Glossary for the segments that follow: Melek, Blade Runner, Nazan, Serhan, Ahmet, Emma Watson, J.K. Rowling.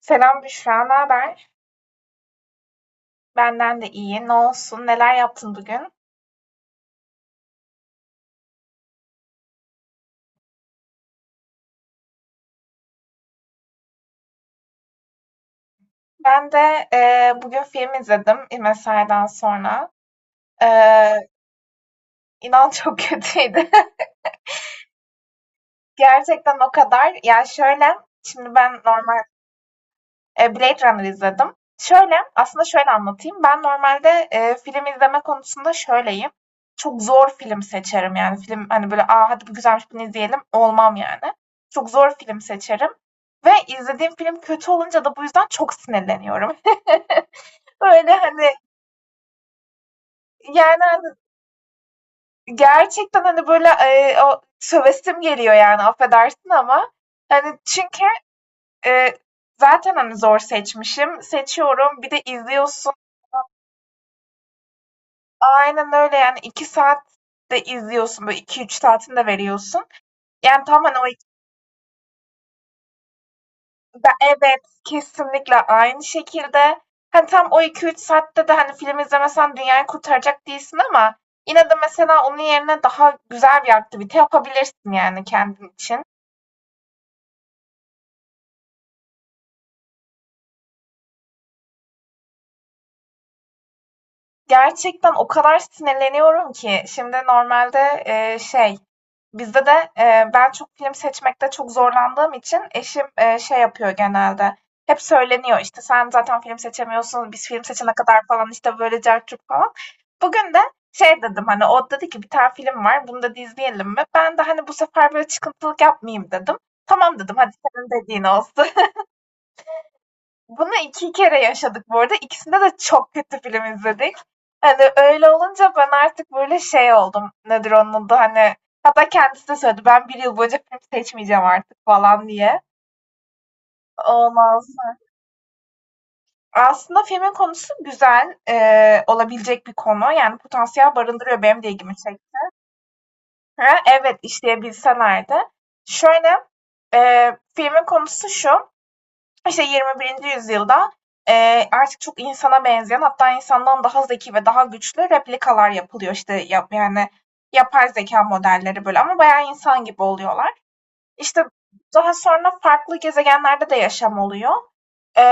Selam Büşra, ne haber? Benden de iyi. Ne olsun? Neler yaptın bugün? Ben de bugün film izledim mesaiden sonra. E, inan çok kötüydü. Gerçekten o kadar. Ya şöyle, şimdi ben normal. Blade Runner izledim. Şöyle, aslında şöyle anlatayım. Ben normalde, film izleme konusunda şöyleyim. Çok zor film seçerim yani. Film, hani, böyle, "A, hadi bu güzelmiş, bunu izleyelim." olmam yani. Çok zor film seçerim ve izlediğim film kötü olunca da bu yüzden çok sinirleniyorum. Öyle hani, yani, hani, gerçekten, hani, böyle, o sövesim geliyor yani, affedersin ama. Hani, çünkü, eee, zaten, hani, zor seçmişim, seçiyorum, bir de izliyorsun. Aynen öyle, yani 2 saat de izliyorsun, böyle iki üç saatini de veriyorsun. Yani tam hani o iki be evet, kesinlikle aynı şekilde, hani tam o iki üç saatte de hani film izlemesen dünyayı kurtaracak değilsin, ama yine de mesela onun yerine daha güzel bir aktivite yapabilirsin yani kendin için. Gerçekten o kadar sinirleniyorum ki, şimdi normalde, şey, bizde de, ben çok film seçmekte çok zorlandığım için eşim, şey yapıyor genelde, hep söyleniyor, işte, "Sen zaten film seçemiyorsun, biz film seçene kadar" falan, işte, böyle cart curt falan. Bugün de şey dedim, hani, o dedi ki, "Bir tane film var, bunu da izleyelim mi?" Ben de, hani, bu sefer böyle çıkıntılık yapmayayım dedim. "Tamam." dedim, "Hadi senin dediğin olsun." Bunu iki kere yaşadık bu arada. İkisinde de çok kötü film izledik. Hani öyle olunca ben artık böyle şey oldum. Nedir onun da hani. Hatta kendisi de söyledi. Ben bir yıl boyunca film seçmeyeceğim artık falan diye. Olmaz. Aslında filmin konusu güzel olabilecek bir konu. Yani potansiyel barındırıyor, benim de ilgimi çekti. Ha, evet, işleyebilseler de. Şöyle filmin konusu şu. İşte 21. yüzyılda e, artık çok insana benzeyen, hatta insandan daha zeki ve daha güçlü replikalar yapılıyor, işte yani yapay zeka modelleri, böyle ama bayağı insan gibi oluyorlar. İşte daha sonra farklı gezegenlerde de yaşam oluyor. E,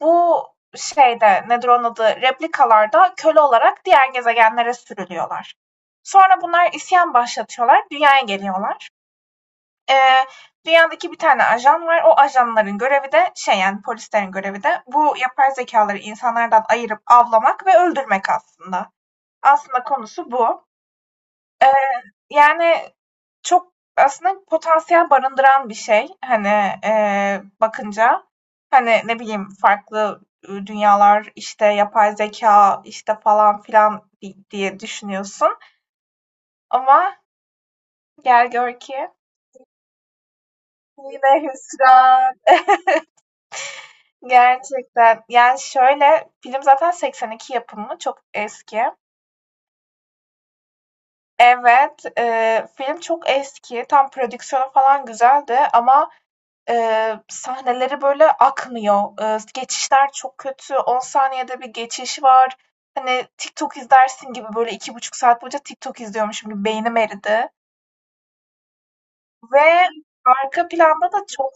bu şeyde, nedir onun adı, replikalarda, köle olarak diğer gezegenlere sürülüyorlar. Sonra bunlar isyan başlatıyorlar, dünyaya geliyorlar. Eee, dünyadaki bir tane ajan var. O ajanların görevi de şey, yani polislerin görevi de, bu yapay zekaları insanlardan ayırıp avlamak ve öldürmek aslında. Aslında konusu bu. Eee, yani çok aslında potansiyel barındıran bir şey. Hani bakınca hani ne bileyim farklı dünyalar, işte yapay zeka işte falan filan diye düşünüyorsun. Ama gel gör ki yine hüsran. Gerçekten. Yani, şöyle, film zaten 82 yapımı, çok eski. Evet, film çok eski, tam prodüksiyonu falan güzeldi ama, sahneleri böyle akmıyor. Geçişler çok kötü, 10 saniyede bir geçiş var. Hani, TikTok izlersin gibi, böyle 2,5 saat boyunca TikTok izliyormuşum gibi beynim eridi ve arka planda da çok.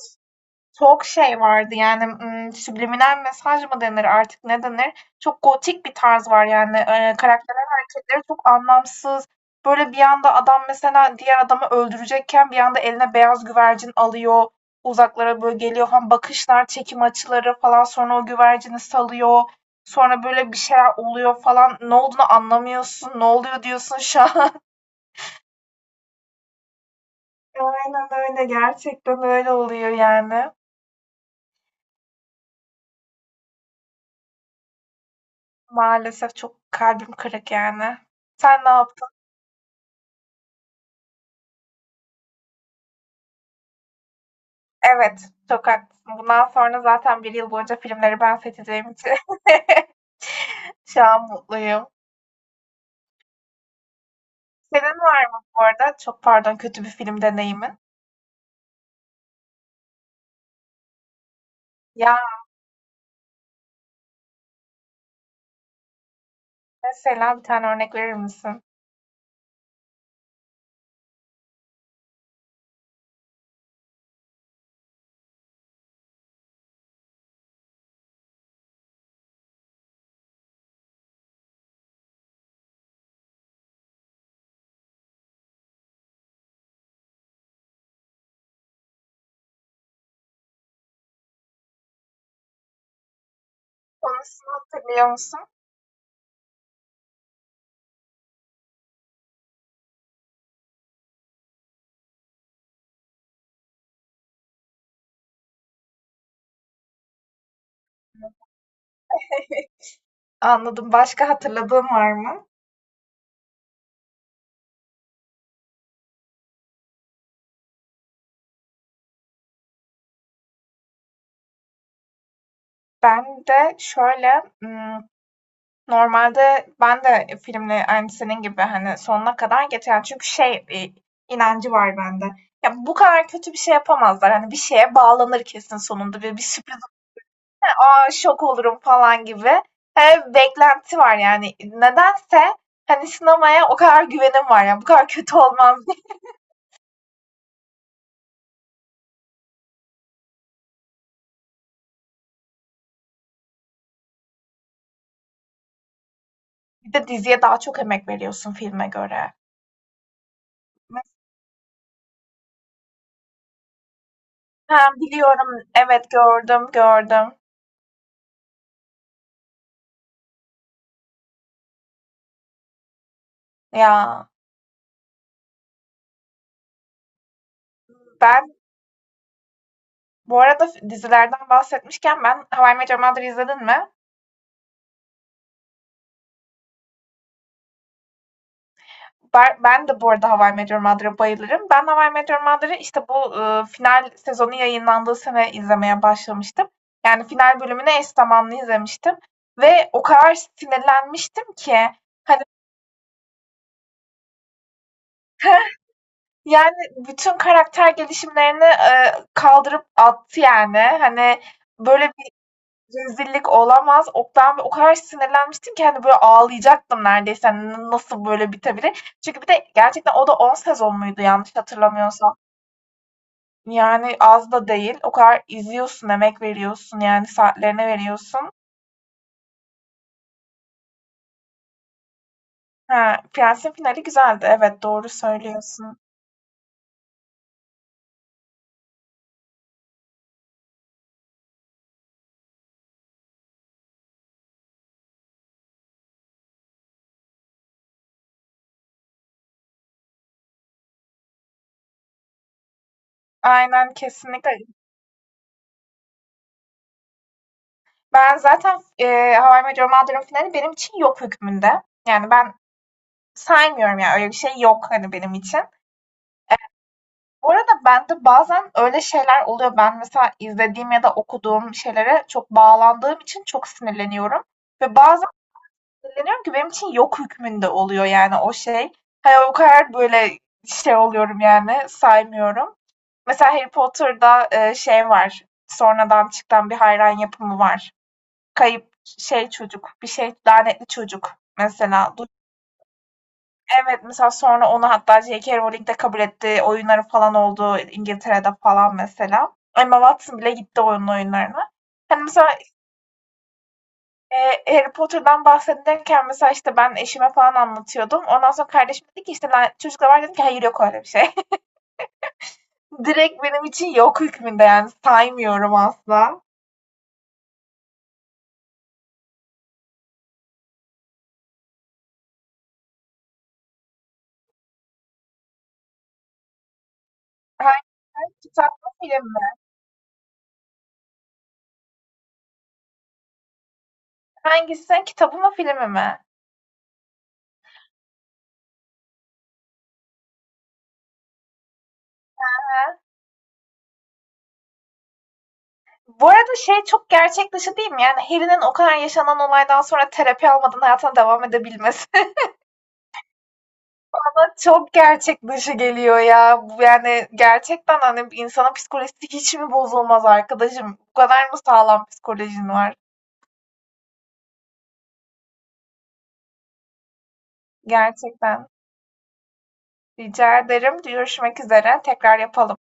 Çok şey vardı yani, subliminal mesaj mı denir artık, ne denir? Çok gotik bir tarz var yani, karakterlerin hareketleri çok anlamsız. Böyle bir anda adam mesela diğer adamı öldürecekken bir anda eline beyaz güvercin alıyor, uzaklara böyle geliyor falan, bakışlar, çekim açıları falan, sonra o güvercini salıyor. Sonra böyle bir şeyler oluyor falan. Ne olduğunu anlamıyorsun, ne oluyor diyorsun şu an. Aynen öyle, gerçekten öyle oluyor yani. Maalesef çok kalbim kırık yani. Sen ne yaptın? Evet, çok haklısın. Bundan sonra zaten bir yıl boyunca filmleri ben seçeceğim için şu an mutluyum. Senin var mı bu arada? Çok pardon, kötü bir film deneyimin. Ya mesela bir tane örnek verir misin? Konusunu hatırlıyor musun? Anladım. Başka hatırladığın var mı? Ben de şöyle, normalde ben de filmle aynı senin gibi, hani, sonuna kadar getiren, çünkü şey, inancı var bende. Ya, bu kadar kötü bir şey yapamazlar. Hani, bir şeye bağlanır kesin sonunda, bir sürpriz. Aa, şok olurum." falan gibi. Beklenti var yani. Nedense, hani, sinemaya o kadar güvenim var. Ya, bu kadar kötü olmaz. Bir de diziye daha çok emek veriyorsun filme göre. Mesela biliyorum. Evet, gördüm, gördüm. Ya, ben. Bu arada, dizilerden bahsetmişken, ben How I Met Your Mother'ı izledin mi? Ben de bu arada How I Met Your Mother'a bayılırım. Ben How I Met Your Mother'ı işte bu final sezonu yayınlandığı sene izlemeye başlamıştım. Yani final bölümünü eş zamanlı izlemiştim. Ve o kadar sinirlenmiştim ki hani yani bütün karakter gelişimlerini kaldırıp attı yani. Hani böyle rezillik olamaz. Oktan ve o kadar sinirlenmiştim ki hani böyle ağlayacaktım neredeyse. Hani nasıl böyle bitebilir? Çünkü bir de gerçekten o da 10 sezon muydu yanlış hatırlamıyorsam. Yani az da değil. O kadar izliyorsun, emek veriyorsun yani saatlerine veriyorsun. Ha, Prens'in finali güzeldi. Evet, doğru söylüyorsun. Aynen kesinlikle. Ben zaten How I Met Your Mother'ın finali benim için yok hükmünde. Yani ben saymıyorum, ya öyle bir şey yok hani benim için. Bu arada bende bazen öyle şeyler oluyor. Ben mesela izlediğim ya da okuduğum şeylere çok bağlandığım için çok sinirleniyorum ve bazen sinirleniyorum ki benim için yok hükmünde oluyor yani o şey. Hani o kadar böyle şey oluyorum yani, saymıyorum. Mesela Harry Potter'da, şey var, sonradan çıkan bir hayran yapımı var. Kayıp şey çocuk, bir şey, lanetli çocuk mesela. Evet, mesela sonra onu hatta J.K. Rowling de kabul etti. Oyunları falan oldu İngiltere'de falan mesela. Emma Watson bile gitti onun oyunlarına. Hani mesela, Harry Potter'dan bahsedilirken, mesela işte ben eşime falan anlatıyordum. Ondan sonra kardeşim dedi ki, işte, "Lan çocukla var", dedim ki, "hayır yok öyle bir şey." Direkt benim için yok hükmünde, yani saymıyorum asla. Hangi, kitap mı film mi? Hangisi sen, kitabı mı filmi mi? He, bu arada şey, çok gerçek dışı değil mi? Yani Harry'nin o kadar yaşanan olaydan sonra terapi almadan hayatına devam edebilmesi bana çok gerçek dışı geliyor ya. Bu, yani gerçekten hani insanın psikolojisi hiç mi bozulmaz arkadaşım? Bu kadar mı sağlam psikolojin var? Gerçekten. Rica ederim. Görüşmek üzere. Tekrar yapalım.